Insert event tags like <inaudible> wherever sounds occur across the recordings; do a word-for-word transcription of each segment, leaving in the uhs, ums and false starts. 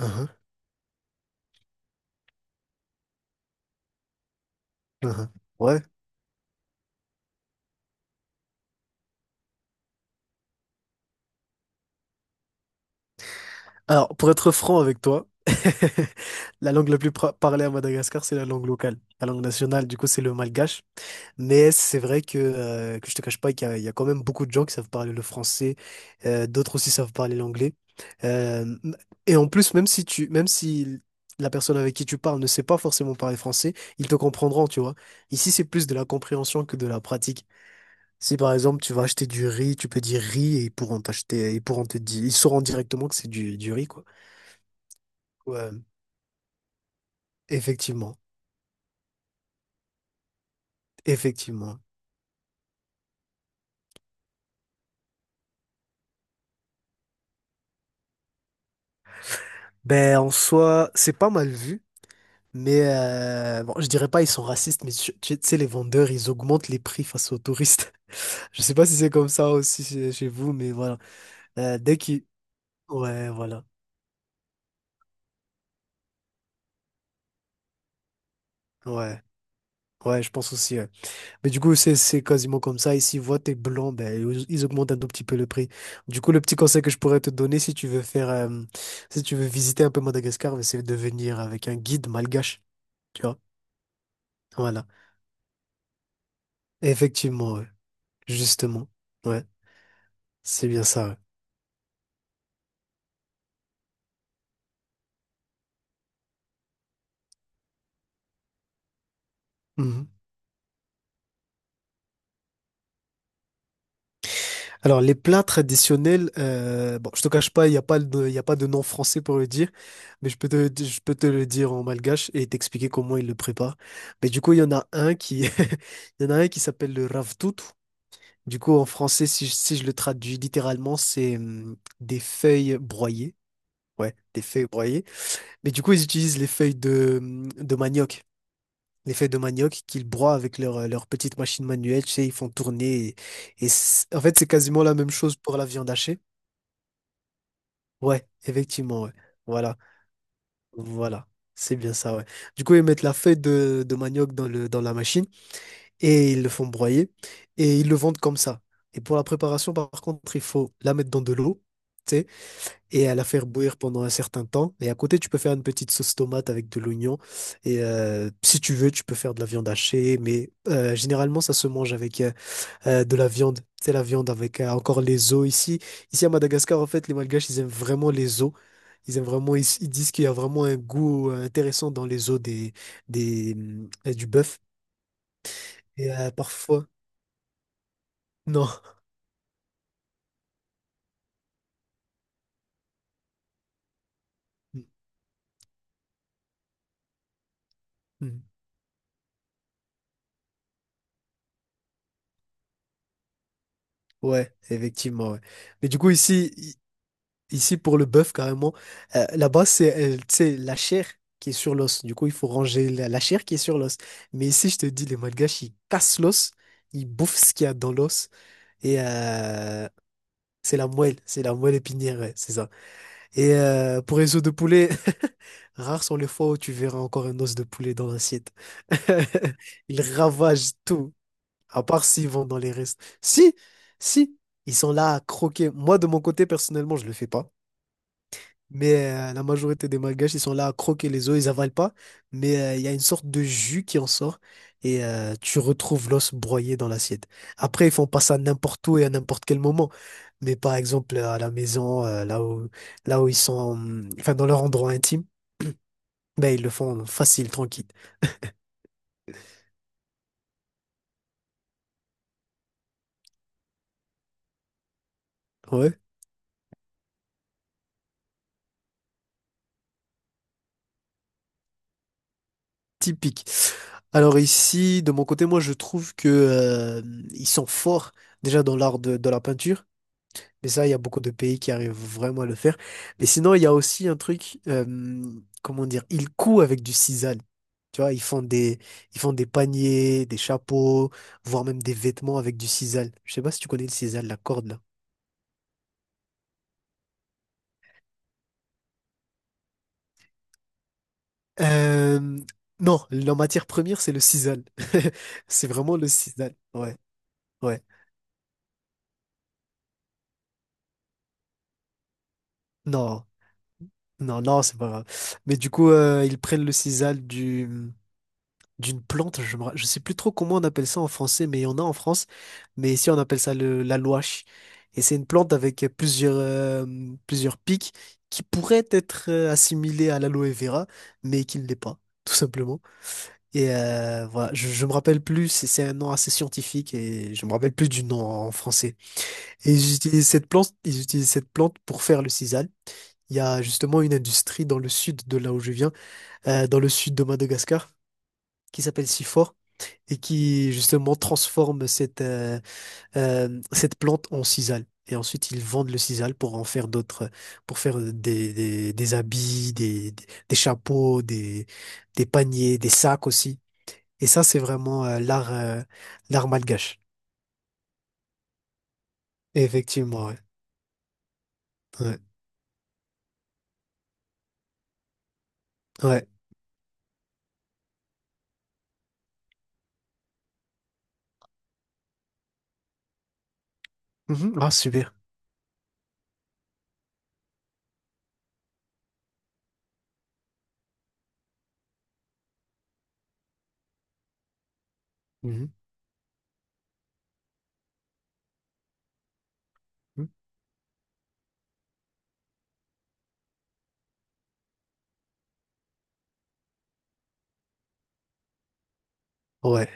Uhum, uhum. Ouais. Alors, pour être franc avec toi, <laughs> la langue la plus pra- parlée à Madagascar, c'est la langue locale. La langue nationale, du coup, c'est le malgache. Mais c'est vrai que, euh, que je te cache pas qu'il y a, il y a quand même beaucoup de gens qui savent parler le français, euh, d'autres aussi savent parler l'anglais. Euh, et en plus, même si tu, même si la personne avec qui tu parles ne sait pas forcément parler français, ils te comprendront, tu vois. Ici, c'est plus de la compréhension que de la pratique. Si par exemple tu vas acheter du riz, tu peux dire riz et ils pourront t'acheter, ils pourront te dire, ils sauront directement que c'est du, du riz, quoi. Ouais, effectivement, effectivement. Ben en soi, c'est pas mal vu. Mais euh, bon, je dirais pas ils sont racistes, mais tu tu sais, les vendeurs, ils augmentent les prix face aux touristes. <laughs> Je sais pas si c'est comme ça aussi chez chez vous, mais voilà. Euh, dès qu'ils... Ouais, voilà. Ouais. Ouais, je pense aussi, ouais. Mais du coup, c'est c'est quasiment comme ça. Ici, voient t'es blanc, ben, ils ils augmentent un tout petit peu le prix. Du coup, le petit conseil que je pourrais te donner si tu veux faire, euh, si tu veux visiter un peu Madagascar, ben, c'est de venir avec un guide malgache. Tu vois? Voilà. Effectivement, ouais. Justement. Ouais. C'est bien ça, ouais. Mhm. Alors, les plats traditionnels, euh, bon, je te cache pas, il n'y a pas de, il y a pas de nom français pour le dire, mais je peux te, je peux te le dire en malgache et t'expliquer comment ils le préparent. Mais du coup, il y en a un qui, <laughs> il y en a un qui s'appelle le ravtout. Du coup, en français, si, je- si je le traduis littéralement, c'est hum, des feuilles broyées. Ouais, des feuilles broyées. Mais du coup, ils utilisent les feuilles de, hum, de manioc. Les feuilles de manioc qu'ils broient avec leur, euh, leur petite machine manuelle, tu sais, ils font tourner. Et, et c'est- en fait, c'est quasiment la même chose pour la viande hachée. Ouais, effectivement, ouais. Voilà, voilà. C'est bien ça, ouais. Du coup, ils mettent la feuille de, de manioc dans le, dans la machine et ils le font broyer et ils le vendent comme ça. Et pour la préparation, par contre, il faut la mettre dans de l'eau, tu sais, et à la faire bouillir pendant un certain temps. Et à côté, tu peux faire une petite sauce tomate avec de l'oignon. Et euh, si tu veux, tu peux faire de la viande hachée, mais euh, généralement, ça se mange avec, euh, euh, de la viande. C'est la viande avec euh, encore les os ici. Ici à Madagascar, en fait, les Malgaches, ils aiment vraiment les os. Ils aiment vraiment, ils, ils disent qu'il y a vraiment un goût euh, intéressant dans les os des, des, hum, euh, du bœuf. Et euh, parfois, <laughs> non. Hum, hum. Ouais, effectivement, ouais. Mais du coup, ici, i- ici pour le bœuf, carrément, euh, là-bas, c'est euh, tu sais, la chair qui est sur l'os. Du coup, il faut ranger la, la chair qui est sur l'os. Mais ici, je te dis, les Malgaches, ils cassent l'os, ils bouffent ce qu'il y a dans l'os. Et, euh, C'est la moelle, c'est la moelle épinière, ouais, c'est ça. Et euh, pour les os de poulet, <laughs> rares sont les fois où tu verras encore un os de poulet dans l'assiette. <laughs> Ils ravagent tout, à part s'ils vont dans les restes. Si, si, ils sont là à croquer. Moi, de mon côté, personnellement, je le fais pas. Mais euh, la majorité des Malgaches, ils sont là à croquer les os, ils avalent pas. Mais euh, il y a une sorte de jus qui en sort et euh, tu retrouves l'os broyé dans l'assiette. Après, ils font pas ça n'importe où et à n'importe quel moment. Mais par exemple, à la maison, euh, là où, là où ils sont, hum, enfin, dans leur endroit intime, ben, ils le font facile, tranquille. Ouais, typique. Alors ici, de mon côté, moi, je trouve que euh, ils sont forts déjà dans l'art de, de la peinture. Mais ça, il y a beaucoup de pays qui arrivent vraiment à le faire. Mais sinon, il y a aussi un truc, euh, comment dire, ils couent avec du sisal. Tu vois, ils font des, ils font des paniers, des chapeaux, voire même des vêtements avec du sisal. Je sais pas si tu connais le sisal, la corde là. Euh, non, la matière première, c'est le sisal. <laughs> C'est vraiment le sisal. Ouais, ouais. Non, non, non, c'est pas grave. Mais du coup, euh, ils prennent le sisal du, d'une plante, je me sais plus trop comment on appelle ça en français, mais il y en a en France. Mais ici, on appelle ça le, la gouache. Et c'est une plante avec plusieurs, euh, plusieurs pics qui pourraient être euh, assimilées à l'aloe vera, mais qui ne l'est pas, tout simplement. Et euh, voilà, je, je me rappelle plus, c'est c'est un nom assez scientifique et je me rappelle plus du nom en français. Et ils utilisent cette plante, ils utilisent cette plante pour faire le sisal. Il y a justement une industrie dans le sud de là où je viens, euh, dans le sud de Madagascar, qui s'appelle Sifor et qui justement transforme cette, euh, euh, cette plante en sisal. Et ensuite, ils vendent le sisal pour en faire d'autres, pour faire des, des, des habits, des, des, des chapeaux, des, des paniers, des sacs aussi. Et ça, c'est vraiment euh, l'art euh, l'art malgache. Effectivement, ouais. Ouais, ouais. Mhm. Ah, super. Mhm. Mhm. Ouais,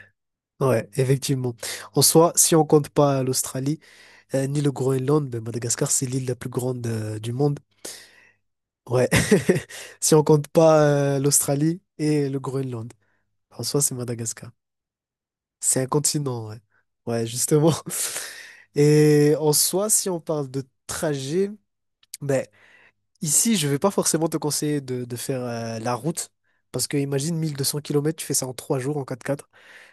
ouais, effectivement. En soi, si on compte pas l'Australie, euh, ni le Groenland, ben Madagascar, c'est l'île la plus grande euh, du monde. Ouais, <laughs> si on compte pas euh, l'Australie et le Groenland. En soi, c'est Madagascar. C'est un continent, ouais. Ouais, justement. <laughs> Et en soi, si on parle de trajet, ben, ici, je vais pas forcément te conseiller de, de faire euh, la route. Parce que imagine mille deux cents kilomètres, tu fais ça en trois jours en quatre quatre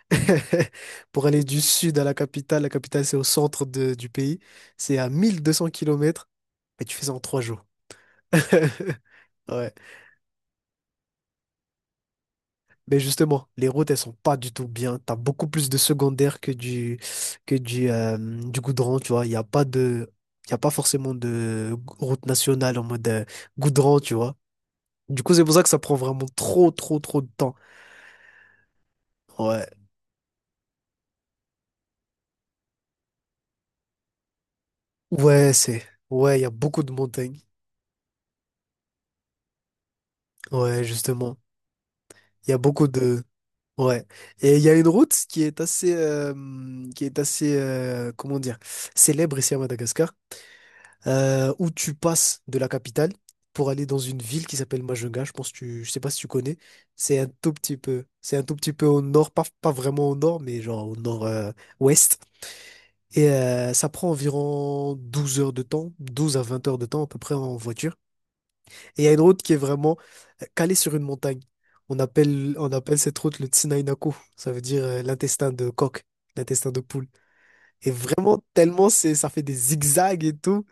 <laughs> Pour aller du sud à la capitale, la capitale c'est au centre de- du pays. C'est à mille deux cents kilomètres, mais tu fais ça en trois jours. <laughs> Ouais. Mais justement, les routes, elles sont pas du tout bien. T'as beaucoup plus de secondaires que du, que du, euh, du goudron, tu vois. Il n'y a pas de, il y a pas forcément de route nationale en mode euh, goudron, tu vois. Du coup, c'est pour ça que ça prend vraiment trop, trop, trop de temps. Ouais. Ouais, c'est, ouais, il y a beaucoup de montagnes. Ouais, justement. Il y a beaucoup de, ouais. Et il y a une route qui est assez, euh, qui est assez, euh, comment dire, célèbre ici à Madagascar, euh, où tu passes de la capitale pour aller dans une ville qui s'appelle Majunga. Je pense que tu, je sais pas si tu connais. C'est un tout petit peu, c'est un tout petit peu au nord, pas, pas vraiment au nord, mais genre au nord-ouest. Et euh, ça prend environ douze heures de temps, douze à vingt heures de temps à peu près en voiture. Et il y a une route qui est vraiment euh, calée sur une montagne. On appelle, on appelle cette route le Tsinainaku. Ça veut dire euh, l'intestin de coq, l'intestin de poule. Et vraiment, tellement c'est, ça fait des zigzags et tout.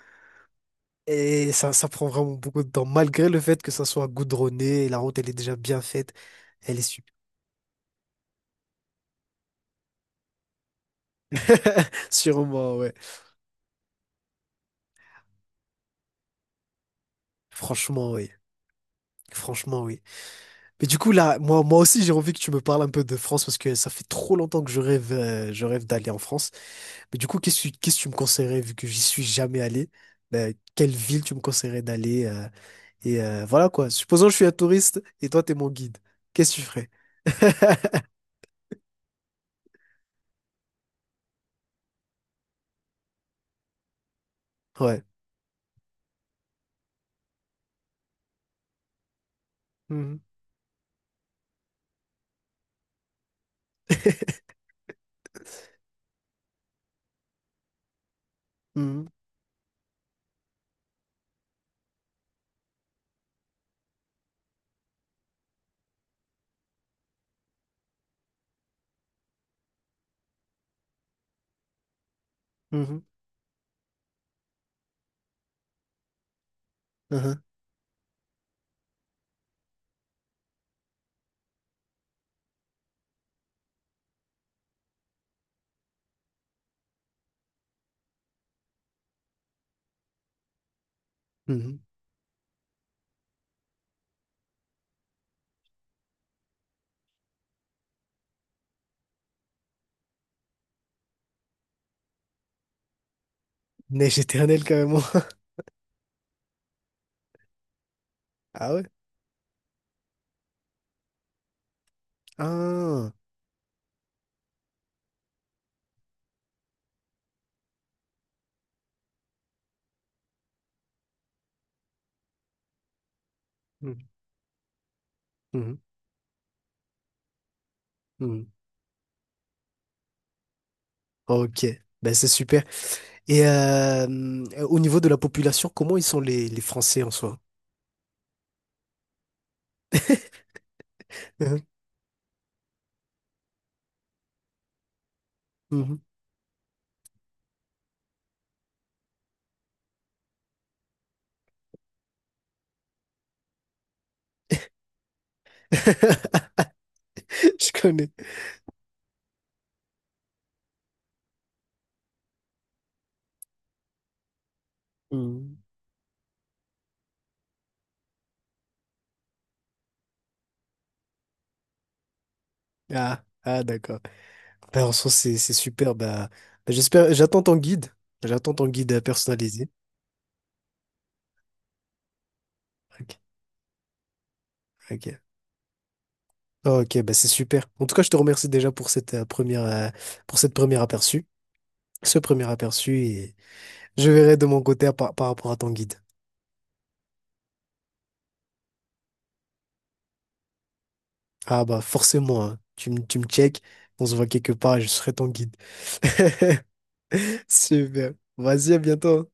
Et ça, ça prend vraiment beaucoup de temps, malgré le fait que ça soit goudronné, la route elle est déjà bien faite, elle est super. <laughs> Sûrement, ouais. Franchement, oui. Franchement, oui. Mais du coup, là, moi, moi aussi, j'ai envie que tu me parles un peu de France parce que ça fait trop longtemps que je rêve, euh, je rêve d'aller en France. Mais du coup, qu'est-ce que tu qu'est-ce que tu me conseillerais vu que j'y suis jamais allé? Ben, quelle ville tu me conseillerais d'aller? Euh, et euh, voilà quoi. Supposons que je suis un touriste et toi, t'es mon guide. Qu'est-ce que tu ferais? <laughs> Ouais. Mhm. Mhm. Mhm. <laughs> Mhm. Neige éternelle carrément. <laughs> Ah ouais? Ah. Mhm. Mhm. Mhm. Ok. Ben c'est super. Et euh, hum, au niveau de la population, comment ils sont les, les Français en soi? Mhm. Mhm. <laughs> Je connais. Mhm. Ah, ah d'accord. Ben, en soi, c'est c'est super. Ben, ben, j'espère, j'attends ton guide. J'attends ton guide euh, personnalisé. Ok. Ok. Ok, ben c'est super. En tout cas, je te remercie déjà pour cette euh, première, euh, pour cette première aperçu, ce premier aperçu. Je verrai de mon côté à par, par rapport à ton guide. Ah bah forcément, hein. Tu, me- tu me check, on se voit quelque part et je serai ton guide. <laughs> Super. Vas-y, à bientôt, hein.